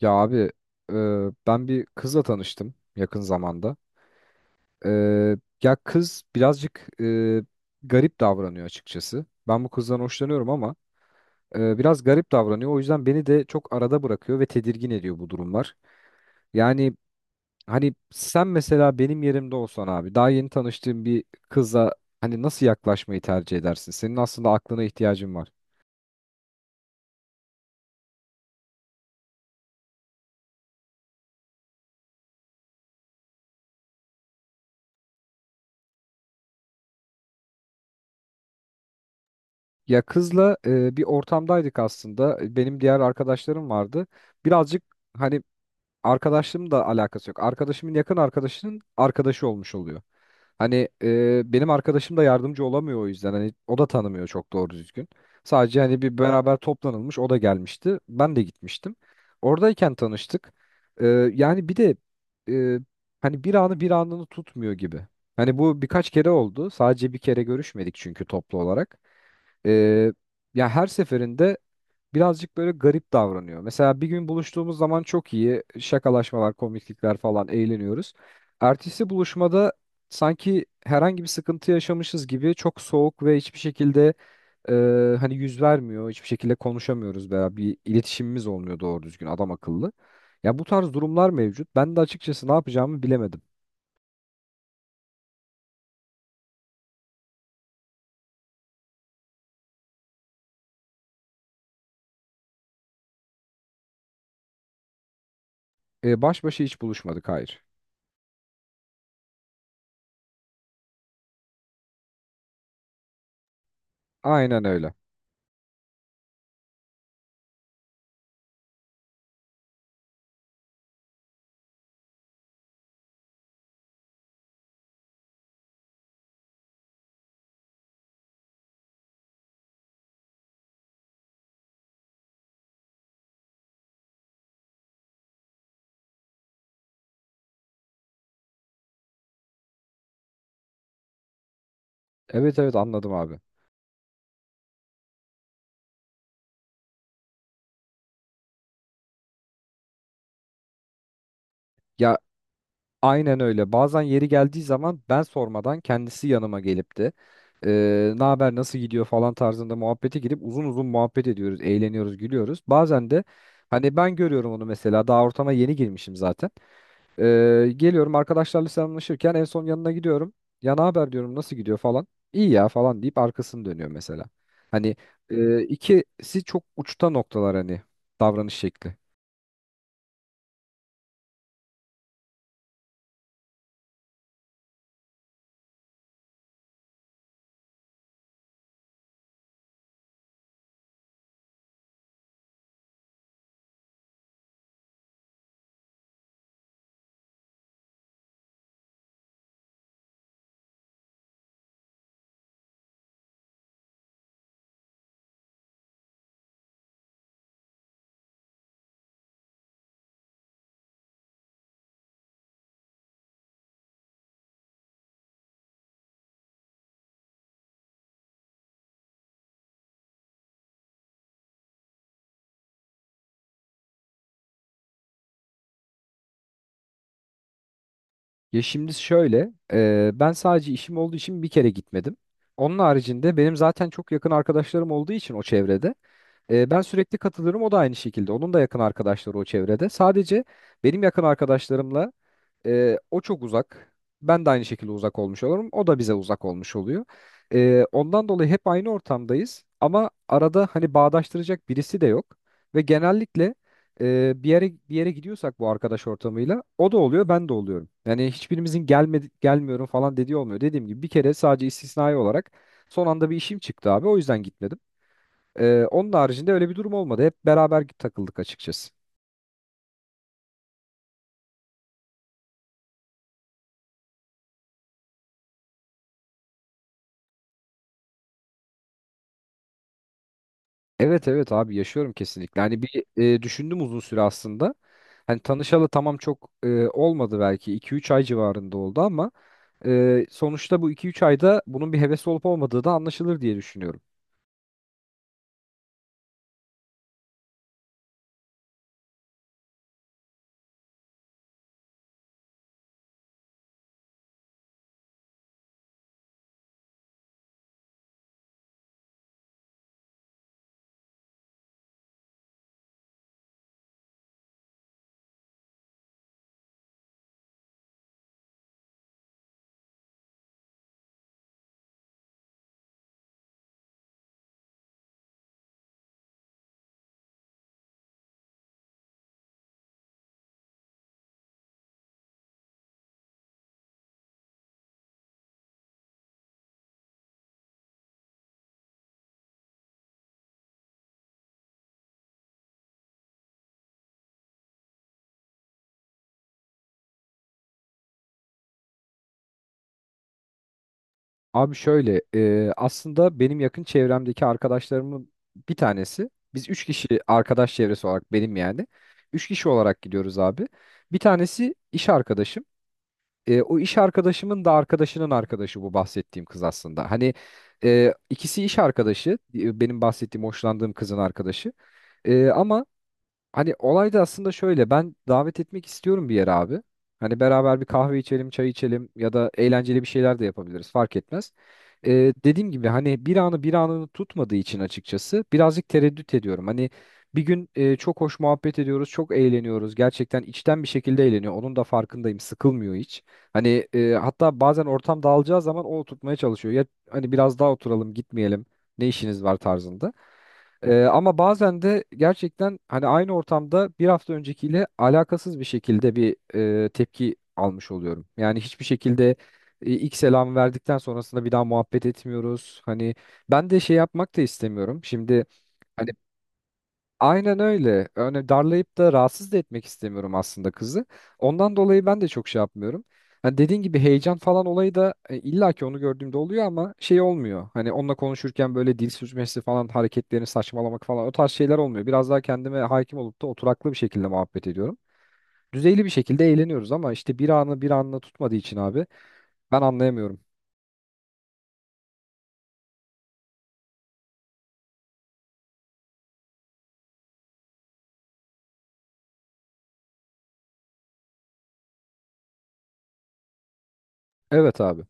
Ya abi, e, ben bir kızla tanıştım yakın zamanda. E, Ya kız birazcık garip davranıyor açıkçası. Ben bu kızdan hoşlanıyorum ama biraz garip davranıyor. O yüzden beni de çok arada bırakıyor ve tedirgin ediyor bu durumlar. Yani hani sen mesela benim yerimde olsan abi daha yeni tanıştığın bir kıza hani nasıl yaklaşmayı tercih edersin? Senin aslında aklına ihtiyacın var. Ya kızla bir ortamdaydık aslında. Benim diğer arkadaşlarım vardı. Birazcık hani arkadaşlığımla da alakası yok. Arkadaşımın yakın arkadaşının arkadaşı olmuş oluyor. Hani benim arkadaşım da yardımcı olamıyor o yüzden. Hani o da tanımıyor çok doğru düzgün. Sadece hani bir beraber toplanılmış o da gelmişti. Ben de gitmiştim. Oradayken tanıştık. E, Yani bir de e, hani bir anı bir anını tutmuyor gibi. Hani bu birkaç kere oldu. Sadece bir kere görüşmedik çünkü toplu olarak. E, Ya her seferinde birazcık böyle garip davranıyor. Mesela bir gün buluştuğumuz zaman çok iyi şakalaşmalar, komiklikler falan eğleniyoruz. Ertesi buluşmada sanki herhangi bir sıkıntı yaşamışız gibi çok soğuk ve hiçbir şekilde hani yüz vermiyor, hiçbir şekilde konuşamıyoruz veya bir iletişimimiz olmuyor doğru düzgün adam akıllı. Ya bu tarz durumlar mevcut. Ben de açıkçası ne yapacağımı bilemedim. Baş başa hiç buluşmadık, hayır. Aynen öyle. Evet evet anladım abi. Ya, aynen öyle. Bazen yeri geldiği zaman ben sormadan kendisi yanıma gelip de ne haber nasıl gidiyor falan tarzında muhabbete girip uzun uzun muhabbet ediyoruz, eğleniyoruz, gülüyoruz. Bazen de hani ben görüyorum onu mesela daha ortama yeni girmişim zaten. Geliyorum arkadaşlarla selamlaşırken en son yanına gidiyorum. Ya ne haber diyorum nasıl gidiyor falan. İyi ya falan deyip arkasını dönüyor mesela. Hani ikisi çok uçta noktalar hani davranış şekli. Ya şimdi şöyle, ben sadece işim olduğu için bir kere gitmedim. Onun haricinde benim zaten çok yakın arkadaşlarım olduğu için o çevrede, ben sürekli katılırım. O da aynı şekilde. Onun da yakın arkadaşları o çevrede. Sadece benim yakın arkadaşlarımla o çok uzak. Ben de aynı şekilde uzak olmuş olurum. O da bize uzak olmuş oluyor. Ondan dolayı hep aynı ortamdayız. Ama arada hani bağdaştıracak birisi de yok. Ve genellikle bir yere gidiyorsak bu arkadaş ortamıyla o da oluyor, ben de oluyorum. Yani hiçbirimizin gelmedi, gelmiyorum falan dediği olmuyor. Dediğim gibi bir kere sadece istisnai olarak son anda bir işim çıktı abi. O yüzden gitmedim. Onun haricinde öyle bir durum olmadı. Hep beraber takıldık açıkçası. Evet evet abi yaşıyorum kesinlikle. Hani bir düşündüm uzun süre aslında. Hani tanışalı tamam çok olmadı belki iki üç ay civarında oldu ama sonuçta bu iki üç ayda bunun bir heves olup olmadığı da anlaşılır diye düşünüyorum. Abi şöyle aslında benim yakın çevremdeki arkadaşlarımın bir tanesi biz 3 kişi arkadaş çevresi olarak benim yani 3 kişi olarak gidiyoruz abi. Bir tanesi iş arkadaşım. O iş arkadaşımın da arkadaşının arkadaşı bu bahsettiğim kız aslında. Hani ikisi iş arkadaşı, benim bahsettiğim hoşlandığım kızın arkadaşı. E, ama Hani olay da aslında şöyle, ben davet etmek istiyorum bir yere abi. Hani beraber bir kahve içelim, çay içelim ya da eğlenceli bir şeyler de yapabiliriz fark etmez. Dediğim gibi hani bir anı bir anını tutmadığı için açıkçası birazcık tereddüt ediyorum. Hani bir gün çok hoş muhabbet ediyoruz, çok eğleniyoruz. Gerçekten içten bir şekilde eğleniyor. Onun da farkındayım. Sıkılmıyor hiç. Hani hatta bazen ortam dağılacağı zaman o tutmaya çalışıyor. Ya hani biraz daha oturalım, gitmeyelim. Ne işiniz var tarzında. Ama bazen de gerçekten hani aynı ortamda bir hafta öncekiyle alakasız bir şekilde bir tepki almış oluyorum. Yani hiçbir şekilde ilk selamı verdikten sonrasında bir daha muhabbet etmiyoruz. Hani ben de şey yapmak da istemiyorum. Şimdi hani Aynen öyle. Yani darlayıp da rahatsız da etmek istemiyorum aslında kızı. Ondan dolayı ben de çok şey yapmıyorum. Hani dediğin gibi heyecan falan olayı da illa ki onu gördüğümde oluyor ama şey olmuyor. Hani onunla konuşurken böyle dil sürçmesi falan hareketlerini saçmalamak falan o tarz şeyler olmuyor. Biraz daha kendime hakim olup da oturaklı bir şekilde muhabbet ediyorum. Düzeyli bir şekilde eğleniyoruz ama işte bir anı bir anla tutmadığı için abi ben anlayamıyorum. Evet abi.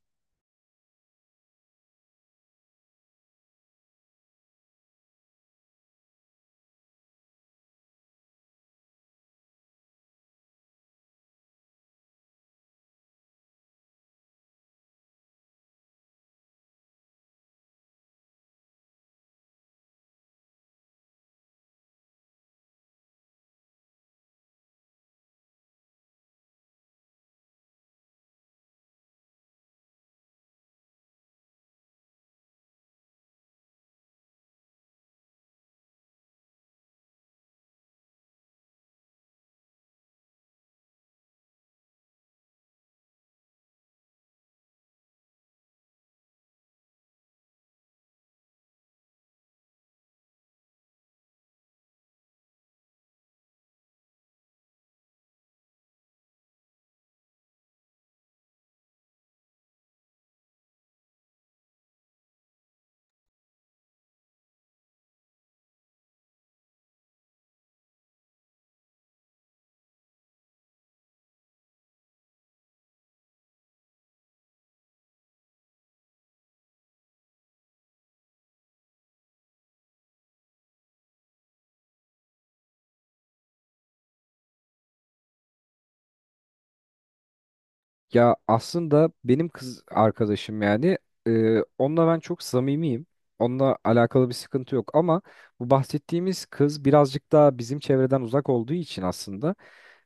Ya aslında benim kız arkadaşım yani onunla ben çok samimiyim. Onunla alakalı bir sıkıntı yok ama bu bahsettiğimiz kız birazcık daha bizim çevreden uzak olduğu için aslında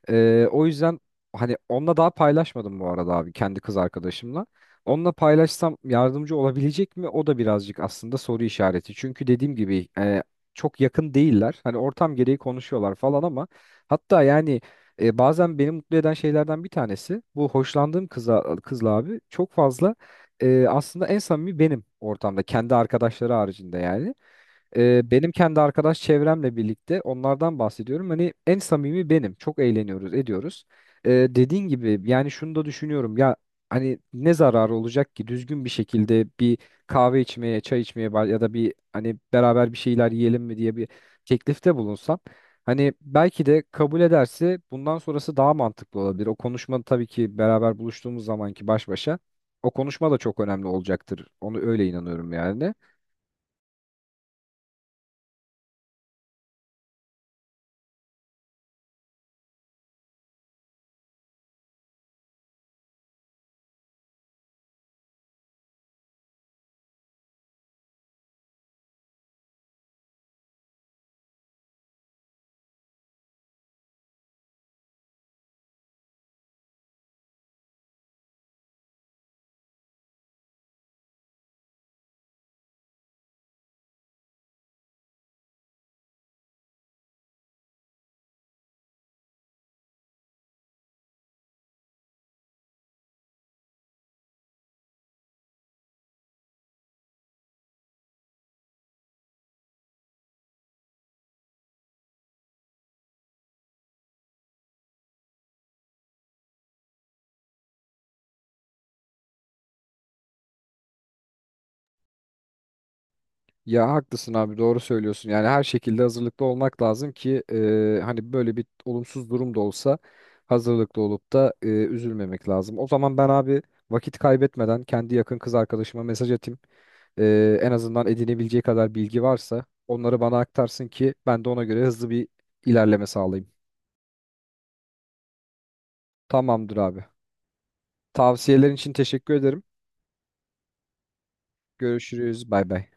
o yüzden hani onunla daha paylaşmadım bu arada abi kendi kız arkadaşımla. Onunla paylaşsam yardımcı olabilecek mi? O da birazcık aslında soru işareti. Çünkü dediğim gibi çok yakın değiller. Hani ortam gereği konuşuyorlar falan ama hatta yani bazen beni mutlu eden şeylerden bir tanesi bu hoşlandığım kıza kızla abi çok fazla aslında en samimi benim ortamda kendi arkadaşları haricinde yani. Benim kendi arkadaş çevremle birlikte onlardan bahsediyorum. Hani en samimi benim. Çok eğleniyoruz, ediyoruz. Dediğin gibi yani şunu da düşünüyorum. Ya hani ne zararı olacak ki düzgün bir şekilde bir kahve içmeye, çay içmeye ya da bir hani beraber bir şeyler yiyelim mi diye bir teklifte bulunsam. Hani belki de kabul ederse bundan sonrası daha mantıklı olabilir. O konuşma tabii ki beraber buluştuğumuz zamanki baş başa o konuşma da çok önemli olacaktır. Onu öyle inanıyorum yani. Ya haklısın abi, doğru söylüyorsun. Yani her şekilde hazırlıklı olmak lazım ki hani böyle bir olumsuz durum da olsa hazırlıklı olup da üzülmemek lazım. O zaman ben abi vakit kaybetmeden kendi yakın kız arkadaşıma mesaj atayım. En azından edinebileceği kadar bilgi varsa onları bana aktarsın ki ben de ona göre hızlı bir ilerleme sağlayayım. Tamamdır abi. Tavsiyelerin için teşekkür ederim. Görüşürüz. Bay bay.